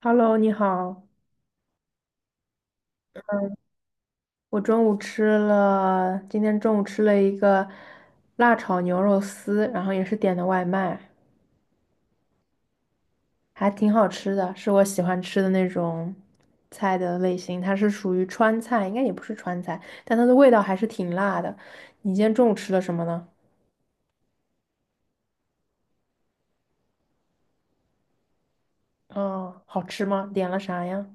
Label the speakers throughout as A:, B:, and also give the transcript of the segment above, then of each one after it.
A: Hello，你好。我中午吃了，今天中午吃了一个辣炒牛肉丝，然后也是点的外卖，还挺好吃的，是我喜欢吃的那种菜的类型。它是属于川菜，应该也不是川菜，但它的味道还是挺辣的。你今天中午吃了什么呢？哦，好吃吗？点了啥呀？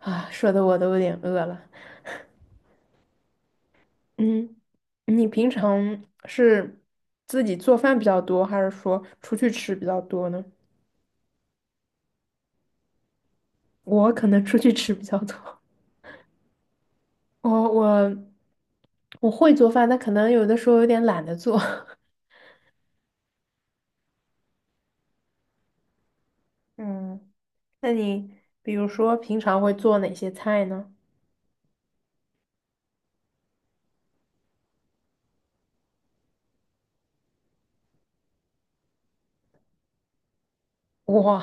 A: 啊，说的我都有点饿了。嗯，你平常是自己做饭比较多，还是说出去吃比较多呢？我可能出去吃比较多，我我我会做饭，但可能有的时候有点懒得做。嗯，那你比如说平常会做哪些菜呢？哇，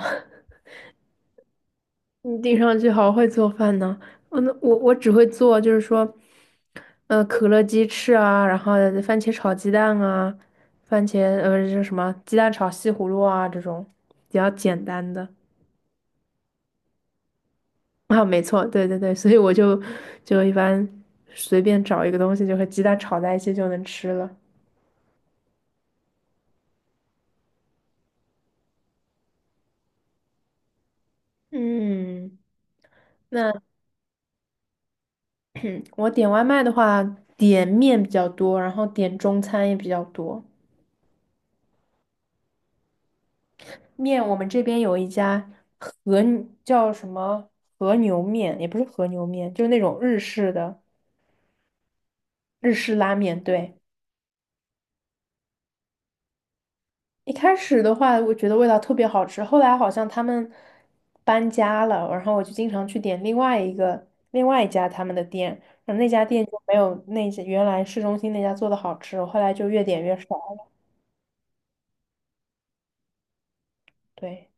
A: 你听上去好会做饭呢。嗯，那我只会做就是说，可乐鸡翅啊，然后番茄炒鸡蛋啊，番茄就是什么鸡蛋炒西葫芦啊这种比较简单的。啊，没错，对对对，所以我就一般随便找一个东西，就和鸡蛋炒在一起就能吃了。嗯，那 我点外卖的话，点面比较多，然后点中餐也比较多。面我们这边有一家和叫什么和牛面，也不是和牛面，就是那种日式的日式拉面，对。一开始的话，我觉得味道特别好吃，后来好像他们搬家了，然后我就经常去点另外一家他们的店，然后那家店就没有那家原来市中心那家做的好吃，我后来就越点越少了。对，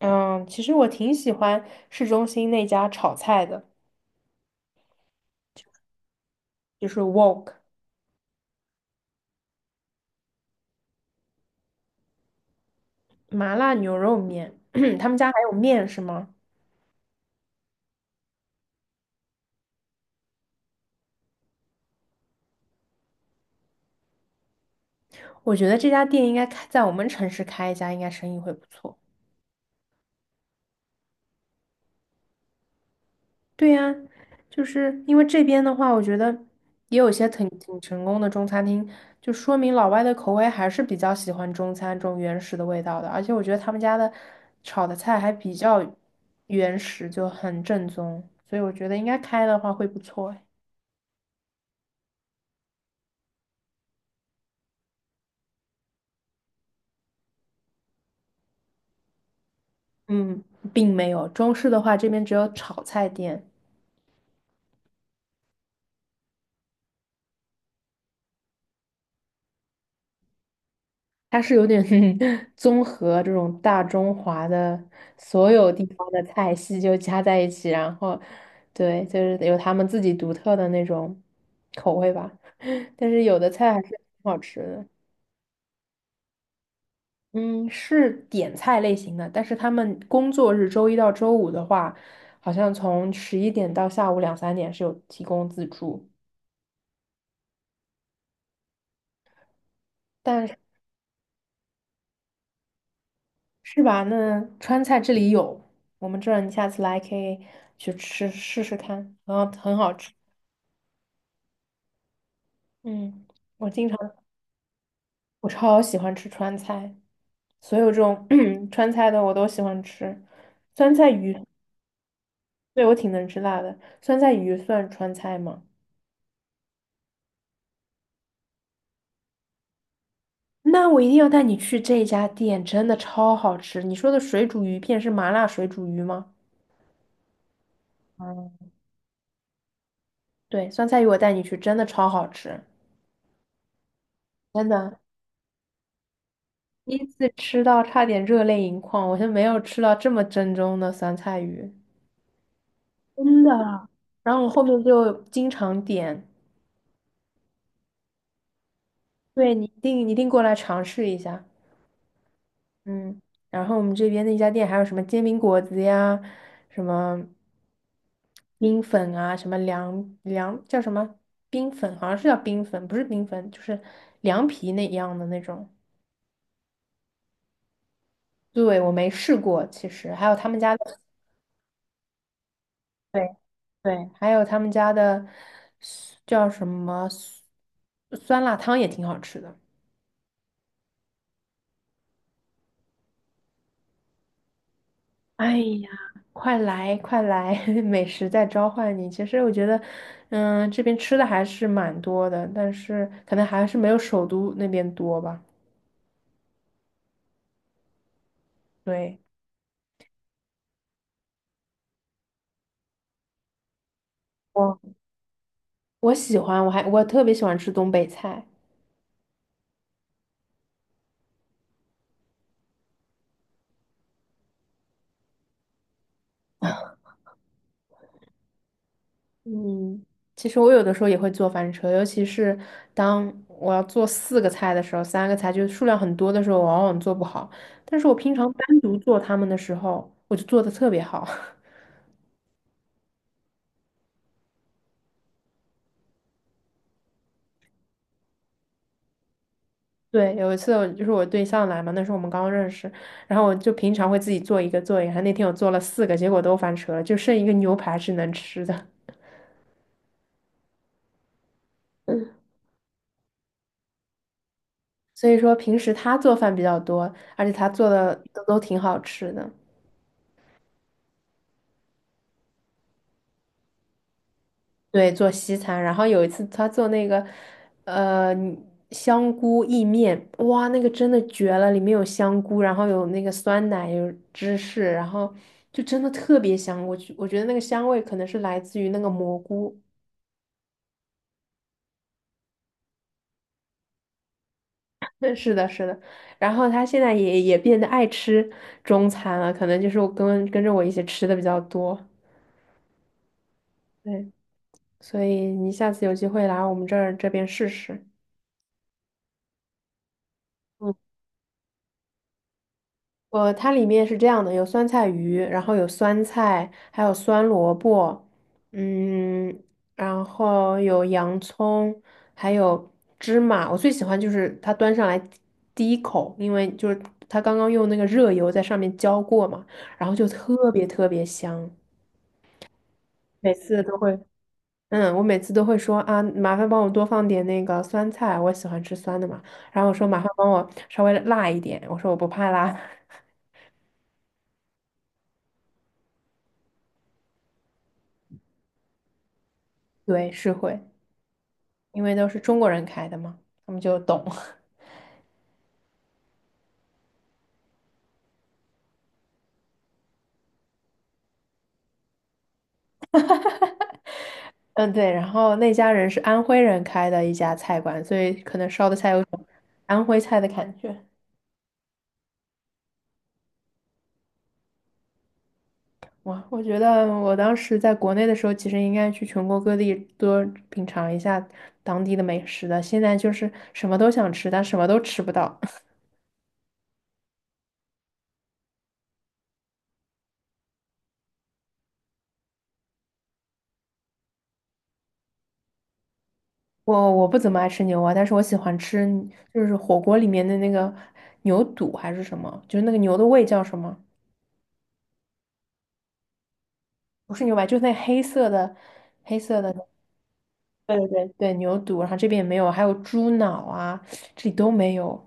A: 嗯，其实我挺喜欢市中心那家炒菜的，就是 Wok 麻辣牛肉面，他们家还有面是吗？我觉得这家店应该开在我们城市开一家，应该生意会不错。对呀，就是因为这边的话，我觉得也有些挺成功的中餐厅，就说明老外的口味还是比较喜欢中餐这种原始的味道的，而且我觉得他们家的炒的菜还比较原始，就很正宗，所以我觉得应该开的话会不错诶。嗯，并没有，中式的话这边只有炒菜店。它是有点 综合这种大中华的所有地方的菜系就加在一起，然后对，就是有他们自己独特的那种口味吧。但是有的菜还是挺好吃的，嗯，是点菜类型的，但是他们工作日周一到周五的话，好像从十一点到下午两三点是有提供自助，但是是吧？那川菜这里有，我们这儿你下次来可以去吃试试看，然后很好吃。嗯，我经常我超喜欢吃川菜，所有这种 川菜的我都喜欢吃。酸菜鱼，对，我挺能吃辣的。酸菜鱼算川菜吗？那我一定要带你去这家店，真的超好吃。你说的水煮鱼片是麻辣水煮鱼吗？嗯，对，酸菜鱼我带你去，真的超好吃，真的。第一次吃到差点热泪盈眶，我是没有吃到这么正宗的酸菜鱼。真的啊然后我后面就经常点，对，你一定一定过来尝试一下，嗯。然后我们这边那家店还有什么煎饼果子呀，什么冰粉啊，什么凉凉叫什么冰粉，好像是叫冰粉，不是冰粉，就是凉皮那一样的那种。对，我没试过，其实还有他们家的，对对，还有他们家的叫什么酸酸辣汤也挺好吃的。哎呀，快来快来，美食在召唤你。其实我觉得，嗯，这边吃的还是蛮多的，但是可能还是没有首都那边多吧。对，我我喜欢，我还特别喜欢吃东北菜。嗯，其实我有的时候也会做翻车，尤其是当我要做四个菜的时候，三个菜就是数量很多的时候，我往往做不好。但是我平常单独做它们的时候，我就做的特别好。对，有一次我就是我对象来嘛，那时候我们刚认识，然后我就平常会自己做一个，那天我做了四个，结果都翻车了，就剩一个牛排是能吃的。所以说平时他做饭比较多，而且他做的都挺好吃的。对，做西餐，然后有一次他做那个，呃，香菇意面，哇，那个真的绝了，里面有香菇，然后有那个酸奶，有芝士，然后就真的特别香。我觉得那个香味可能是来自于那个蘑菇。对，是的，是的。然后他现在也变得爱吃中餐了，可能就是我跟着我一起吃的比较多。对，所以你下次有机会来我们这边试试。嗯，呃，它里面是这样的，有酸菜鱼，然后有酸菜，还有酸萝卜，嗯，然后有洋葱，还有芝麻。我最喜欢就是它端上来第一口，因为就是它刚刚用那个热油在上面浇过嘛，然后就特别特别香。每次都会，嗯，我每次都会说啊，麻烦帮我多放点那个酸菜，我喜欢吃酸的嘛。然后我说麻烦帮我稍微辣一点，我说我不怕辣。对，是会，因为都是中国人开的嘛，他们就懂。嗯，对。然后那家人是安徽人开的一家菜馆，所以可能烧的菜有种安徽菜的感觉。哇，我觉得我当时在国内的时候，其实应该去全国各地多品尝一下当地的美食的。现在就是什么都想吃，但什么都吃不到。我不怎么爱吃牛蛙，但是我喜欢吃，就是火锅里面的那个牛肚还是什么，就是那个牛的胃叫什么？不是牛排，就是那黑色的，黑色的。对对对对，牛肚，然后这边也没有，还有猪脑啊，这里都没有。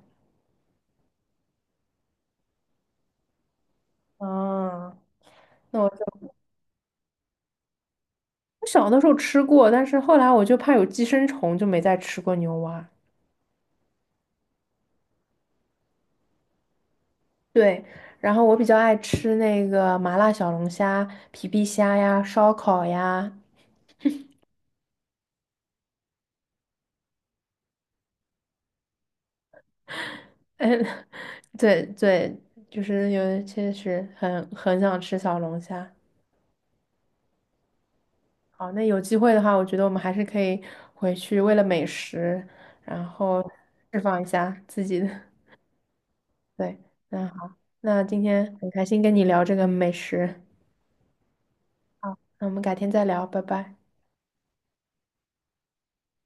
A: 啊。那我小的时候吃过，但是后来我就怕有寄生虫，就没再吃过牛蛙。对，然后我比较爱吃那个麻辣小龙虾、皮皮虾呀、烧烤呀，嗯，对对，就是有确实很想吃小龙虾。好，那有机会的话，我觉得我们还是可以回去为了美食，然后释放一下自己的。对，那好，那今天很开心跟你聊这个美食。好，那我们改天再聊，拜拜。